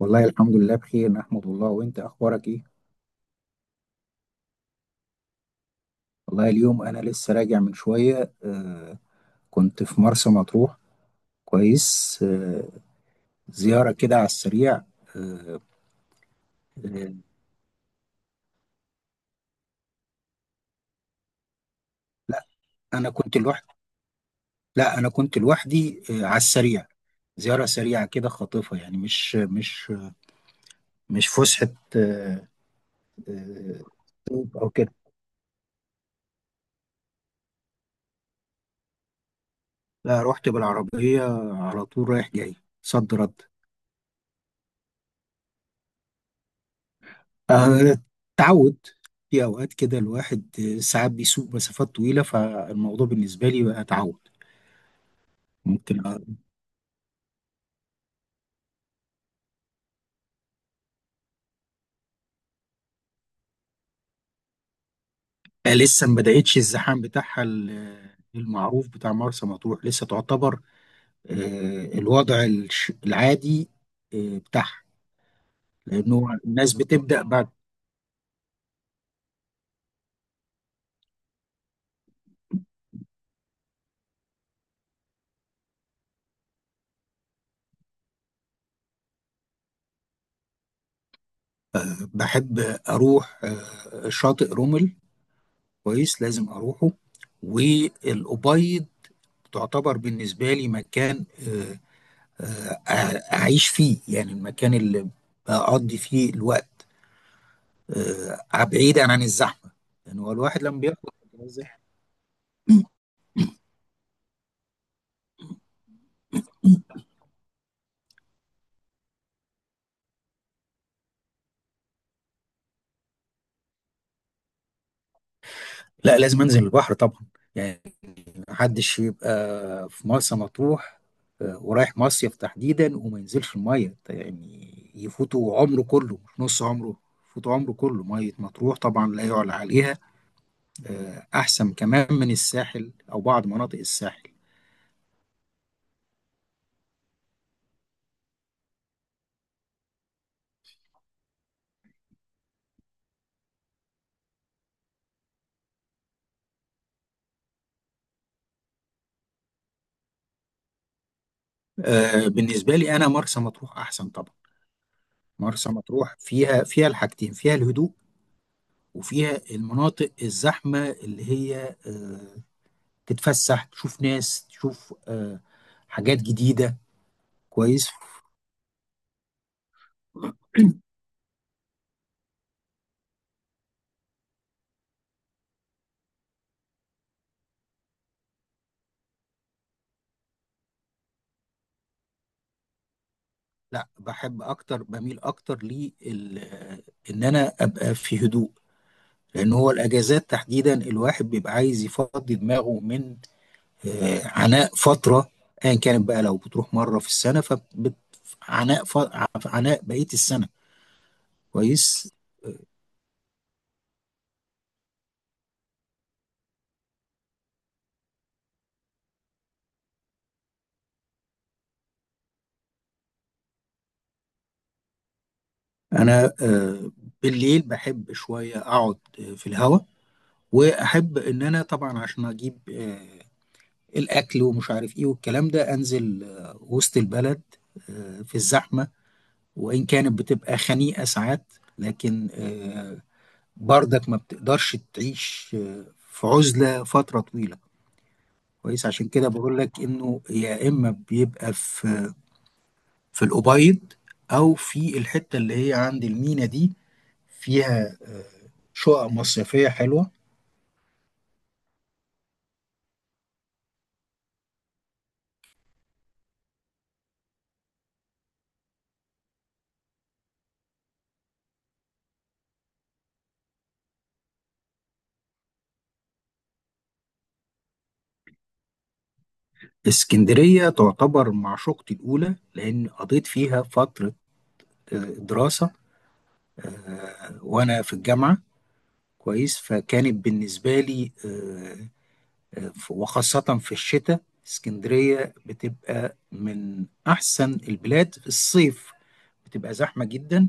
والله الحمد لله بخير، نحمد الله. وانت اخبارك ايه؟ والله اليوم انا لسه راجع من شوية. آه. كنت في مرسى مطروح. كويس. آه. زيارة كده على السريع. آه. آه. لا، انا كنت لوحدي. لا، انا كنت لوحدي، آه، على السريع. زيارة سريعة كده خاطفة، يعني مش فسحة. آه. آه، او كده. لا، رحت بالعربية على طول، رايح جاي، صد رد. آه، تعود. في أوقات كده الواحد، ساعات بيسوق مسافات طويلة، فالموضوع بالنسبة لي بقى تعود. ممكن. لسه ما بدأتش الزحام بتاعها، المعروف بتاع مرسى مطروح لسه تعتبر الوضع العادي بتاعها. لأنه الناس بتبدأ بعد. بحب أروح شاطئ رمل. كويس، لازم أروحه. والأبيض تعتبر بالنسبة لي مكان، اعيش فيه، يعني المكان اللي اقضي فيه الوقت، بعيدا عن الزحمه. يعني هو الواحد لما بيخرج من الزحمة. لا، لازم انزل البحر طبعا. يعني محدش يبقى في مرسى مطروح ورايح مصيف تحديدا وما ينزلش الميه، يعني يفوتوا عمره كله مش نص عمره، يفوتوا عمره كله. ميه مطروح طبعا لا يعلى عليها، احسن كمان من الساحل او بعض مناطق الساحل. بالنسبه لي انا مرسى مطروح احسن طبعا. مرسى مطروح فيها الحاجتين، فيها الهدوء، وفيها المناطق الزحمة، اللي هي تتفسح، تشوف ناس، تشوف حاجات جديدة. كويس. لا، بحب اكتر، بميل اكتر لي ان انا ابقى في هدوء. لان هو الاجازات تحديدا الواحد بيبقى عايز يفضي دماغه من عناء فترة، ايا كانت بقى. لو بتروح مرة في السنة فعناء، عناء بقية السنة. كويس. انا، بالليل بحب شويه اقعد في الهوا، واحب ان انا طبعا عشان اجيب، الاكل ومش عارف ايه والكلام ده، انزل وسط البلد، في الزحمه. وان كانت بتبقى خنيقه ساعات، لكن برضك ما بتقدرش تعيش في عزله فتره طويله. كويس، عشان كده بقول لك انه يا اما بيبقى في الأبيض، او في الحته اللي هي عند المينا دي، فيها شقق مصيفية حلوة. اسكندرية تعتبر معشوقتي الأولى، لأن قضيت فيها فترة دراسة وأنا في الجامعة. كويس، فكانت بالنسبة لي وخاصة في الشتاء اسكندرية بتبقى من أحسن البلاد. في الصيف بتبقى زحمة جدا.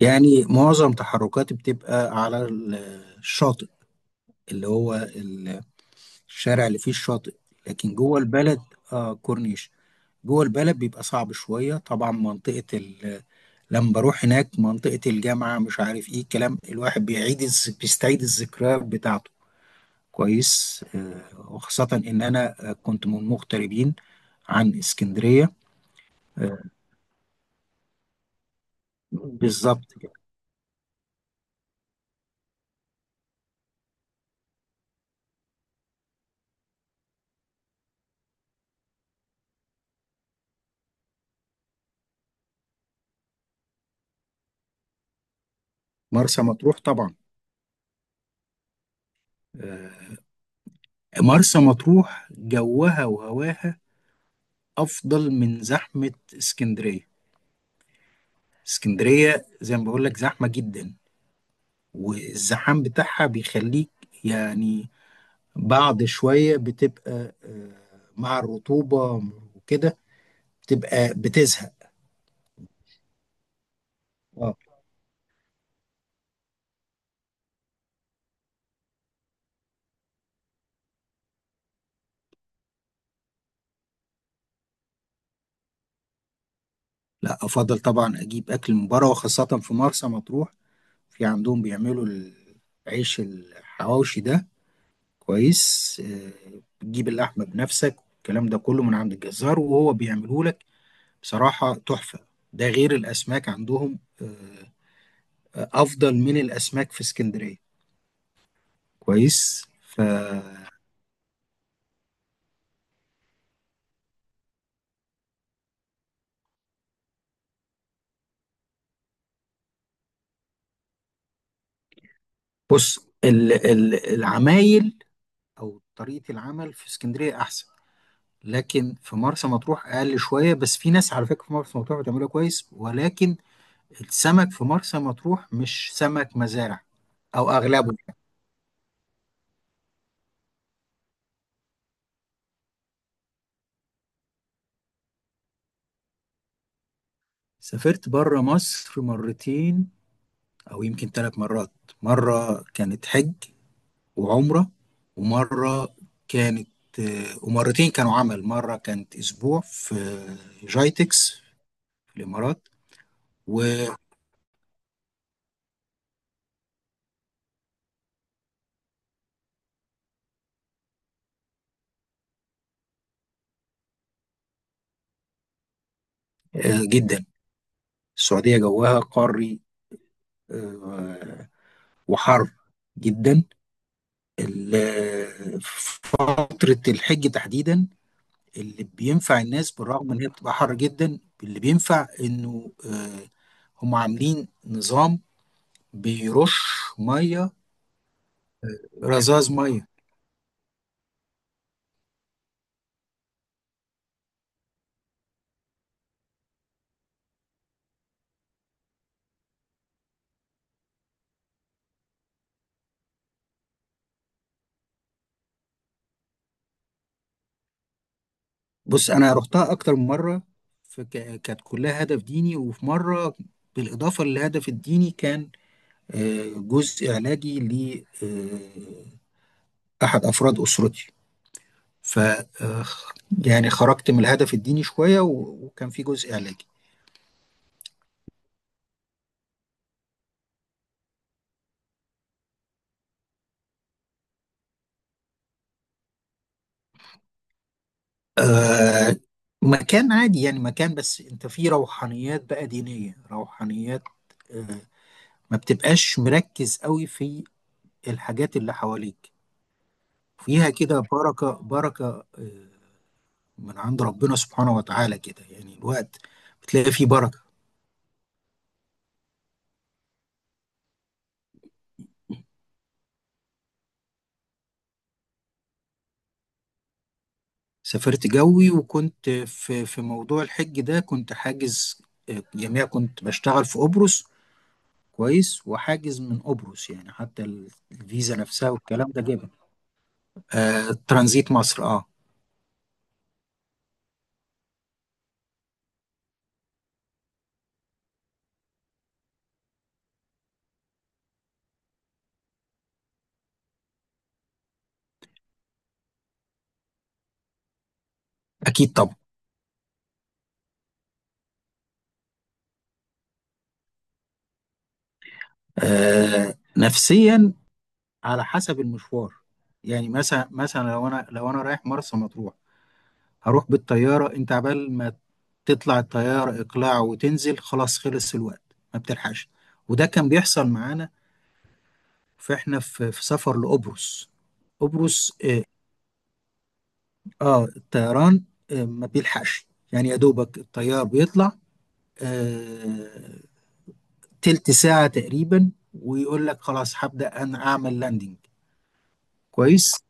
يعني معظم تحركاتي بتبقى على الشاطئ، اللي هو الشارع اللي فيه الشاطئ. لكن جوه البلد، آه كورنيش، جوه البلد بيبقى صعب شوية طبعا. منطقة. ال... لما بروح هناك منطقة الجامعة، مش عارف ايه الكلام، الواحد بيعيد بيستعيد الذكريات بتاعته. كويس. آه، وخاصة ان انا كنت من مغتربين عن اسكندرية. آه، بالظبط كده. مرسى مطروح طبعا. آه. مرسى مطروح جوها وهواها افضل من زحمة اسكندرية. اسكندرية زي ما بقول لك زحمة جدا، والزحام بتاعها بيخليك، يعني بعد شوية بتبقى مع الرطوبة وكده، بتبقى بتزهق. اه. لا، أفضل طبعا أجيب أكل من بره، وخاصة في مرسى مطروح. في عندهم بيعملوا العيش الحواوشي ده. كويس. بتجيب اللحمة بنفسك، الكلام ده كله، من عند الجزار وهو بيعمله لك، بصراحة تحفة. ده غير الأسماك عندهم، أفضل من الأسماك في اسكندرية. كويس. بص، العمايل او طريقه العمل في اسكندريه احسن. لكن في مرسى مطروح اقل شويه. بس في ناس على فكره في مرسى مطروح بتعملها كويس، ولكن السمك في مرسى مطروح مش سمك مزارع او اغلبه. سافرت بره مصر مرتين، او يمكن 3 مرات. مره كانت حج وعمره، ومره كانت، ومرتين كانوا عمل. مره كانت اسبوع في جايتكس في الامارات وجده. السعودية جوها قاري، آه، وحر جدا. ال- فترة الحج تحديدا، اللي بينفع الناس، بالرغم ان هي بتبقى حر جدا، اللي بينفع انه هم عاملين نظام بيرش مية. رذاذ مية. بص، انا رحتها اكتر من مرة، كانت كلها هدف ديني. وفي مرة بالاضافة للهدف الديني، كان جزء علاجي ل احد افراد اسرتي. ف آه، يعني خرجت من الهدف الديني شوية، وكان في جزء علاجي. آه. مكان عادي، يعني مكان، بس انت فيه روحانيات بقى، دينية، روحانيات. آه. ما بتبقاش مركز قوي في الحاجات اللي حواليك. فيها كده بركة بركة، آه، من عند ربنا سبحانه وتعالى، كده يعني الوقت بتلاقي فيه بركة. سافرت جوي، وكنت في موضوع الحج ده، كنت حاجز، جميع كنت بشتغل في قبرص. كويس، وحاجز من قبرص، يعني حتى الفيزا نفسها والكلام ده جابه. آه، ترانزيت مصر. اه. اكيد طبعا. آه، نفسيا على حسب المشوار. يعني مثلا لو انا رايح مرسى مطروح، هروح بالطياره. انت عبال ما تطلع الطياره اقلاع وتنزل، خلاص، خلص الوقت، ما بتلحقش. وده كان بيحصل معانا، فاحنا في سفر لقبرص. قبرص. اه، الطيران ما بيلحقش. يعني يا دوبك الطيار بيطلع آه، تلت ساعة تقريبا، ويقول لك خلاص، هبدأ أنا أعمل لاندنج. كويس.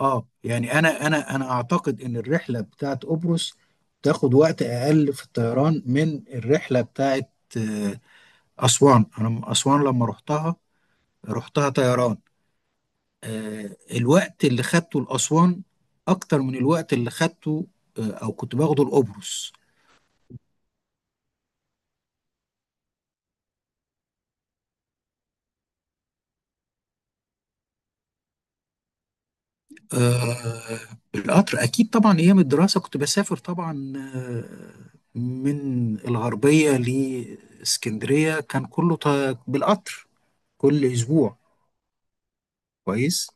اه، يعني أنا أعتقد إن الرحلة بتاعت قبرص تاخد وقت أقل في الطيران من الرحلة بتاعت آه، أسوان. أنا من أسوان، لما رحتها رحتها طيران، الوقت اللي خدته لأسوان أكتر من الوقت اللي خدته أو كنت باخده لقبرص. آه، القطر أكيد طبعا. أيام الدراسة كنت بسافر طبعا، آه من الغربية لإسكندرية كان كله بالقطر، كل أسبوع. كويس.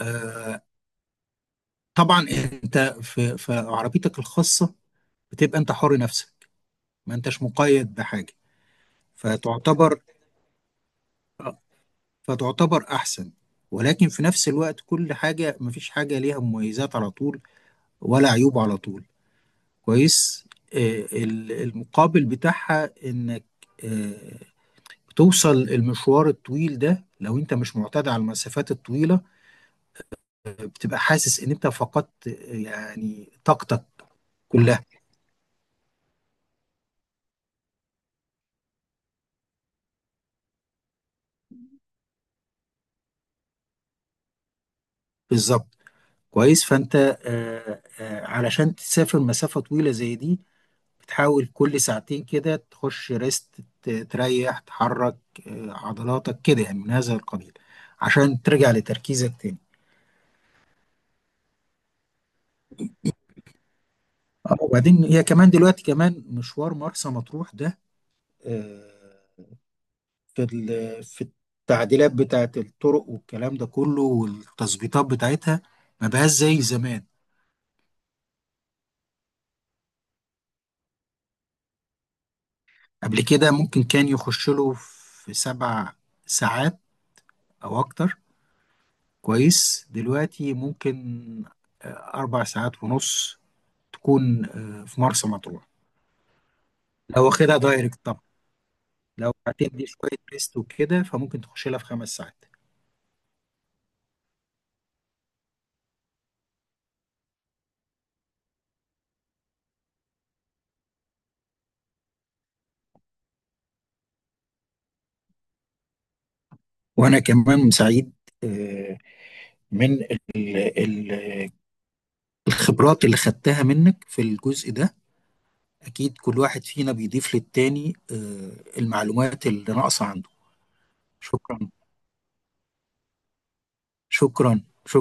آه طبعا. أنت في عربيتك الخاصة بتبقى أنت حر نفسك، ما أنتش مقيد بحاجة. فتعتبر آه، فتعتبر أحسن، ولكن في نفس الوقت كل حاجة، مفيش حاجة ليها مميزات على طول ولا عيوب على طول. كويس. المقابل بتاعها انك، آه، بتوصل المشوار الطويل ده، لو انت مش معتاد على المسافات الطويلة بتبقى حاسس ان انت فقدت يعني طاقتك كلها. بالظبط. كويس، فانت علشان تسافر مسافة طويلة زي دي، بتحاول كل ساعتين كده تخش ريست، تريح، تحرك عضلاتك كده، يعني من هذا القبيل، عشان ترجع لتركيزك تاني. اه، وبعدين هي كمان دلوقتي، كمان مشوار مرسى مطروح ده، آه، في التعديلات بتاعت الطرق والكلام ده كله، والتظبيطات بتاعتها ما بقاش زي زمان. قبل كده ممكن كان يخش له في 7 ساعات او اكتر. كويس. دلوقتي ممكن 4 ساعات ونص تكون في مرسى مطروح، لو واخدها دايركت طبعا. لو هتدي شوية ريست وكده، فممكن تخش لها في 5 ساعات. وانا كمان سعيد آه، من ال- ال- الخبرات اللي خدتها منك في الجزء ده. أكيد كل واحد فينا بيضيف للتاني المعلومات اللي ناقصة عنده. شكرا، شكرا، شكرا.